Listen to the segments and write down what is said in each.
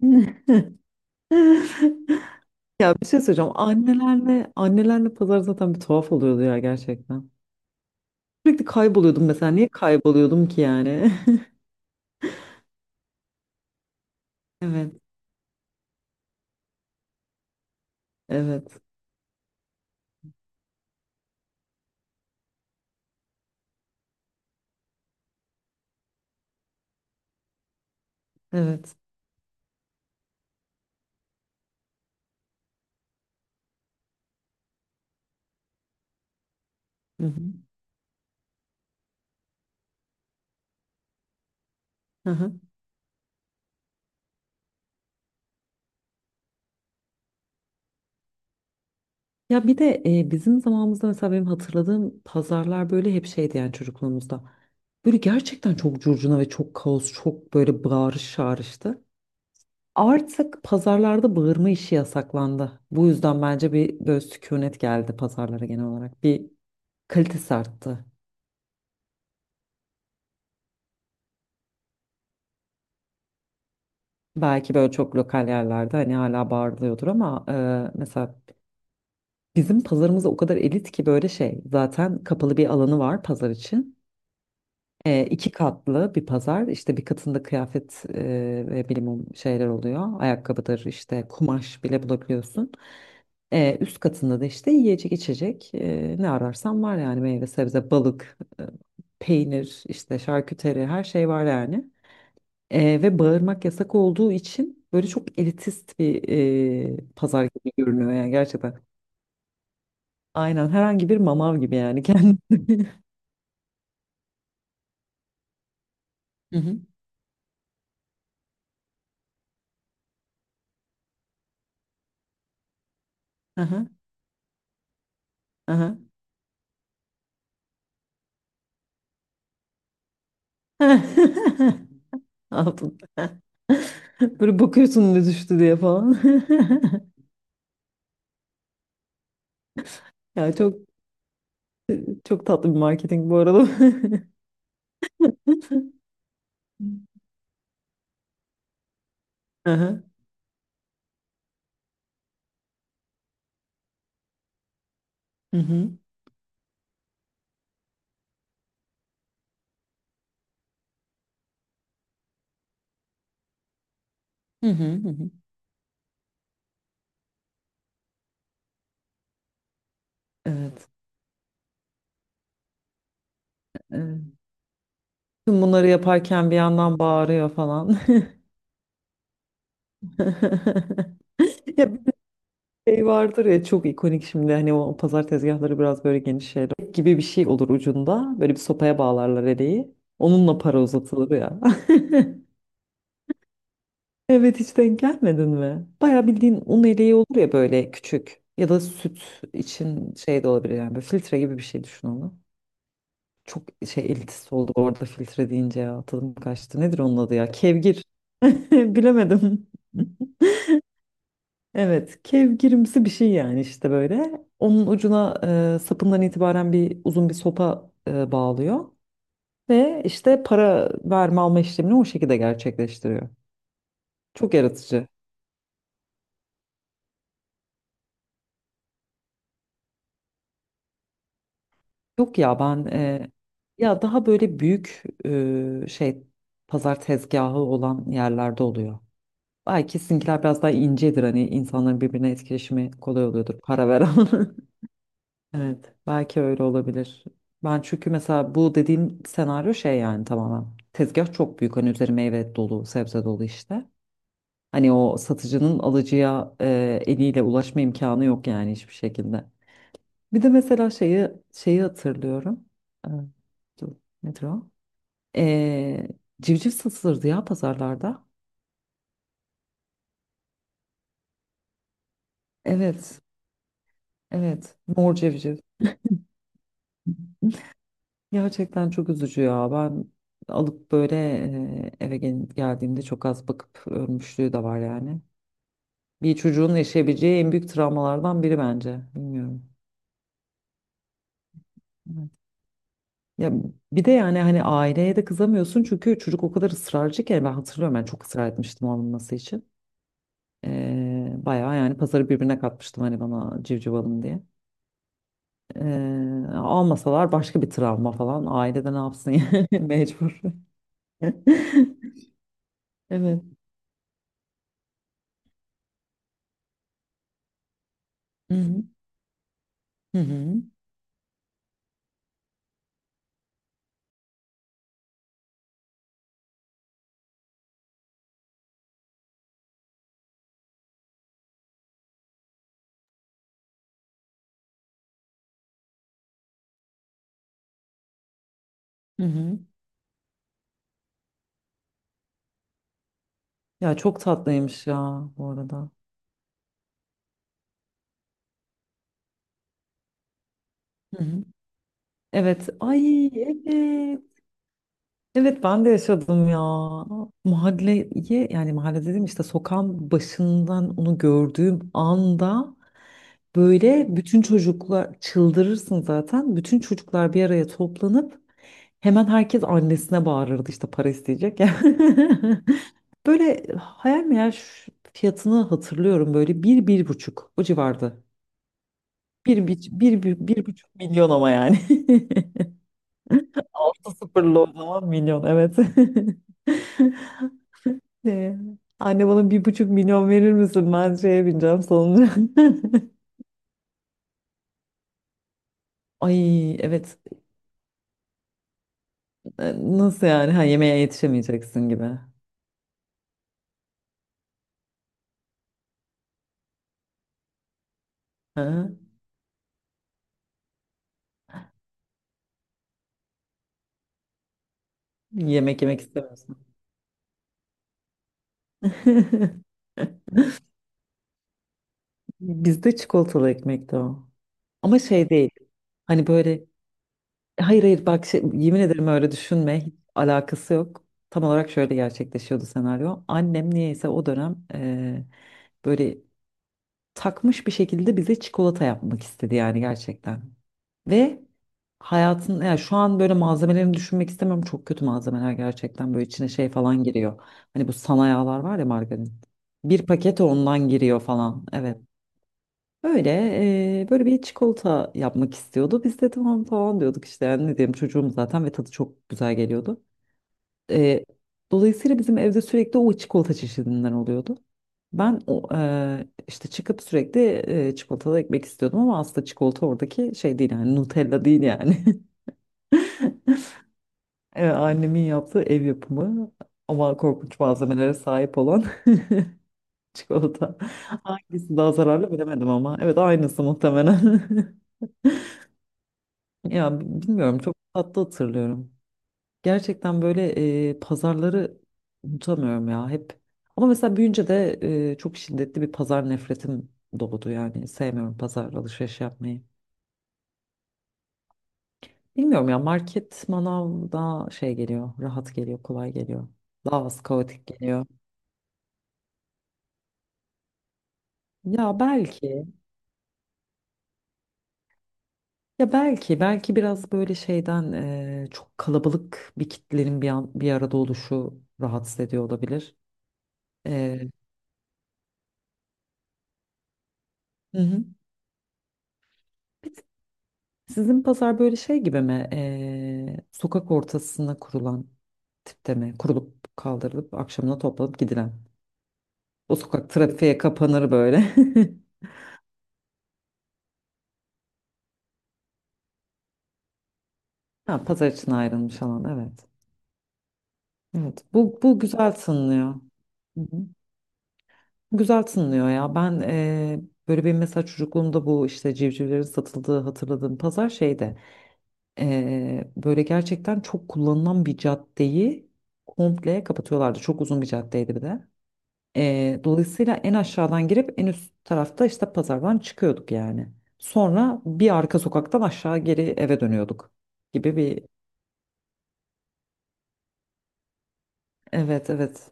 Ya bir şey söyleyeceğim. Annelerle annelerle pazar zaten bir tuhaf oluyordu ya gerçekten. Sürekli kayboluyordum mesela. Niye kayboluyordum ki yani? Evet, evet, evet. Hı hı. Hı hı. Ya bir de bizim zamanımızda mesela benim hatırladığım pazarlar böyle hep şeydi yani çocukluğumuzda. Böyle gerçekten çok curcuna ve çok kaos, çok böyle bağırış çağrıştı. Artık pazarlarda bağırma işi yasaklandı. Bu yüzden bence bir böyle sükunet geldi pazarlara genel olarak. Bir kalitesi arttı. Belki böyle çok lokal yerlerde hani hala bağırılıyordur ama mesela bizim pazarımız o kadar elit ki böyle şey zaten kapalı bir alanı var pazar için. E, iki katlı bir pazar işte bir katında kıyafet ve bilimum şeyler oluyor. Ayakkabıdır işte kumaş bile bulabiliyorsun. Üst katında da işte yiyecek içecek ne ararsan var yani meyve sebze balık peynir işte şarküteri her şey var yani. Ve bağırmak yasak olduğu için böyle çok elitist bir pazar gibi görünüyor yani gerçekten. Aynen herhangi bir mamav gibi yani kendisi. Hı hı. Aha, aha. Aldım. Böyle bakıyorsun ne düştü diye falan. Ya çok çok tatlı bir marketing bu arada. Aha. Hı hı. Hı hı. Hı hı. Evet. Evet. Tüm bunları yaparken bir yandan bağırıyor falan. Ya şey vardır ya çok ikonik şimdi hani o pazar tezgahları biraz böyle geniş şeyler gibi bir şey olur ucunda. Böyle bir sopaya bağlarlar eleği. Onunla para uzatılır ya. Evet, hiç denk gelmedin mi? Bayağı bildiğin un eleği olur ya böyle küçük. Ya da süt için şey de olabilir yani böyle filtre gibi bir şey düşün onu. Çok şey elitist oldu orada filtre deyince ya tadım kaçtı. Nedir onun adı ya? Kevgir. Bilemedim. Evet, kevgirimsi bir şey yani işte böyle. Onun ucuna sapından itibaren bir uzun bir sopa bağlıyor ve işte para verme alma işlemini o şekilde gerçekleştiriyor. Çok yaratıcı. Yok ya ben ya daha böyle büyük şey pazar tezgahı olan yerlerde oluyor. Belki sizinkiler biraz daha incedir hani insanların birbirine etkileşimi kolay oluyordur para veren. Evet, belki öyle olabilir. Ben çünkü mesela bu dediğim senaryo şey yani tamamen. Tezgah çok büyük hani üzeri meyve dolu, sebze dolu işte. Hani o satıcının alıcıya eliyle ulaşma imkanı yok yani hiçbir şekilde. Bir de mesela şeyi hatırlıyorum. Ee, dur, nedir o? Ee, civciv satılırdı ya pazarlarda. Evet, evet. Mor civciv. Gerçekten çok üzücü ya. Ben alıp böyle eve geldiğimde çok az bakıp ölmüşlüğü de var yani. Bir çocuğun yaşayabileceği en büyük travmalardan biri bence. Bilmiyorum. Evet. Ya bir de yani hani aileye de kızamıyorsun çünkü çocuk o kadar ısrarcı ki ben hatırlıyorum ben çok ısrar etmiştim alınması için. Bayağı yani pazarı birbirine katmıştım hani bana civciv alın diye. Almasalar başka bir travma falan ailede ne yapsın yani mecbur. Evet. Hı hı. Hı hı. Hı hı. Ya çok tatlıymış ya bu arada. Hı hı. Evet. Ay evet. Evet ben de yaşadım ya. Mahalleye yani mahalle dedim işte sokağın başından onu gördüğüm anda böyle bütün çocuklar çıldırırsın zaten. Bütün çocuklar bir araya toplanıp hemen herkes annesine bağırırdı işte para isteyecek ya. Böyle hayal meyal şu fiyatını hatırlıyorum böyle bir buçuk o civarda. Bir buçuk milyon ama yani. Altı sıfırlı o zaman milyon evet. Ee, Anne bana 1,5 milyon verir misin? Ben şeye bineceğim sonunda. Ay evet. Ee, Nasıl yani? Ha yemeğe yetişemeyeceksin gibi. Ha? Yemek yemek istemiyorsun. Bizde çikolatalı ekmekti o. Ama şey değil. Hani böyle, hayır, hayır, bak, yemin ederim öyle düşünme. Hiç alakası yok. Tam olarak şöyle gerçekleşiyordu senaryo. Annem niyeyse o dönem böyle takmış bir şekilde bize çikolata yapmak istedi yani gerçekten. Ve hayatın yani şu an böyle malzemelerini düşünmek istemiyorum. Çok kötü malzemeler gerçekten böyle içine şey falan giriyor. Hani bu sana yağlar var ya margarin. Bir paket ondan giriyor falan. Evet. Öyle böyle bir çikolata yapmak istiyordu. Biz de tamam falan diyorduk işte yani ne diyeyim çocuğum zaten ve tadı çok güzel geliyordu. Eee, dolayısıyla bizim evde sürekli o çikolata çeşidinden oluyordu. Ben o, işte çıkıp sürekli çikolatalı ekmek istiyordum ama aslında çikolata oradaki şey değil yani Nutella değil yani. Annemin yaptığı ev yapımı ama korkunç malzemelere sahip olan çikolata. Hangisi daha zararlı bilemedim ama evet aynısı muhtemelen. Ya bilmiyorum çok tatlı hatırlıyorum. Gerçekten böyle pazarları unutamıyorum ya hep. Ama mesela büyünce de çok şiddetli bir pazar nefretim doğdu yani. Sevmiyorum pazar alışveriş yapmayı. Bilmiyorum ya market manav daha şey geliyor, rahat geliyor, kolay geliyor. Daha az kaotik geliyor. Ya belki, belki biraz böyle şeyden çok kalabalık bir kitlenin bir arada oluşu rahatsız ediyor olabilir. E, hı hı. Sizin pazar böyle şey gibi mi? Sokak ortasına kurulan tipte mi? Kurulup kaldırılıp akşamına toplanıp gidilen. O sokak trafiğe kapanır böyle. Ha, pazar için ayrılmış alan evet. Evet, bu güzel tınlıyor. Hı hı. Güzel tınlıyor ya. Ben böyle bir mesela çocukluğumda bu işte civcivlerin satıldığı hatırladığım pazar şeyde böyle gerçekten çok kullanılan bir caddeyi komple kapatıyorlardı. Çok uzun bir caddeydi bir de. Dolayısıyla en aşağıdan girip en üst tarafta işte pazardan çıkıyorduk yani. Sonra bir arka sokaktan aşağı geri eve dönüyorduk gibi bir. Evet, evet,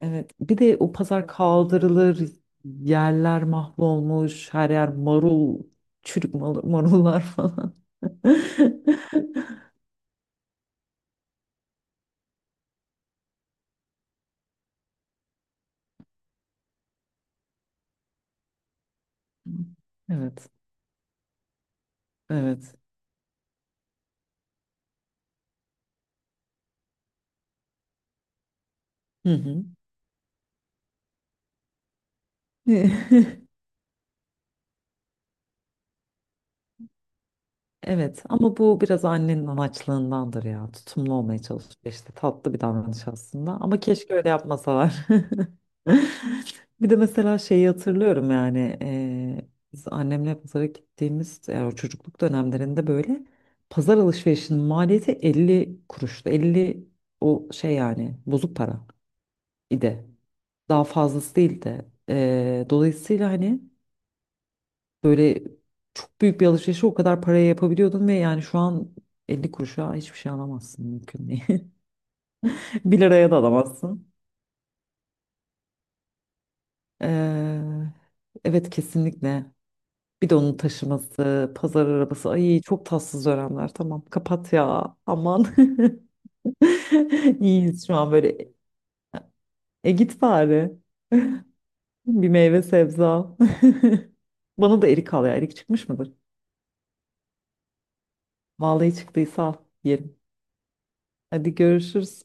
evet. Bir de o pazar kaldırılır yerler mahvolmuş her yer marul çürük marullar falan. Evet, evet. Hı hı. Evet, ama bu biraz annenin anaçlığındandır ya. Tutumlu olmaya çalışıyor işte. Tatlı bir davranış aslında. Ama keşke öyle yapmasalar. Bir de mesela şeyi hatırlıyorum yani. Biz annemle pazara gittiğimiz yani o çocukluk dönemlerinde böyle pazar alışverişinin maliyeti 50 kuruştu. 50 o şey yani bozuk para idi. Daha fazlası değildi. Dolayısıyla hani böyle çok büyük bir alışverişi o kadar paraya yapabiliyordun ve yani şu an 50 kuruşa hiçbir şey alamazsın mümkün değil. 1 liraya da alamazsın. Ee, evet kesinlikle. Bir de onun taşıması, pazar arabası. Ay çok tatsız dönemler. Tamam kapat ya. Aman. İyiyiz şu an böyle. E git bari. Bir meyve sebze al. Bana da erik al ya. Erik çıkmış mıdır? Vallahi çıktıysa al. Yerim. Hadi görüşürüz.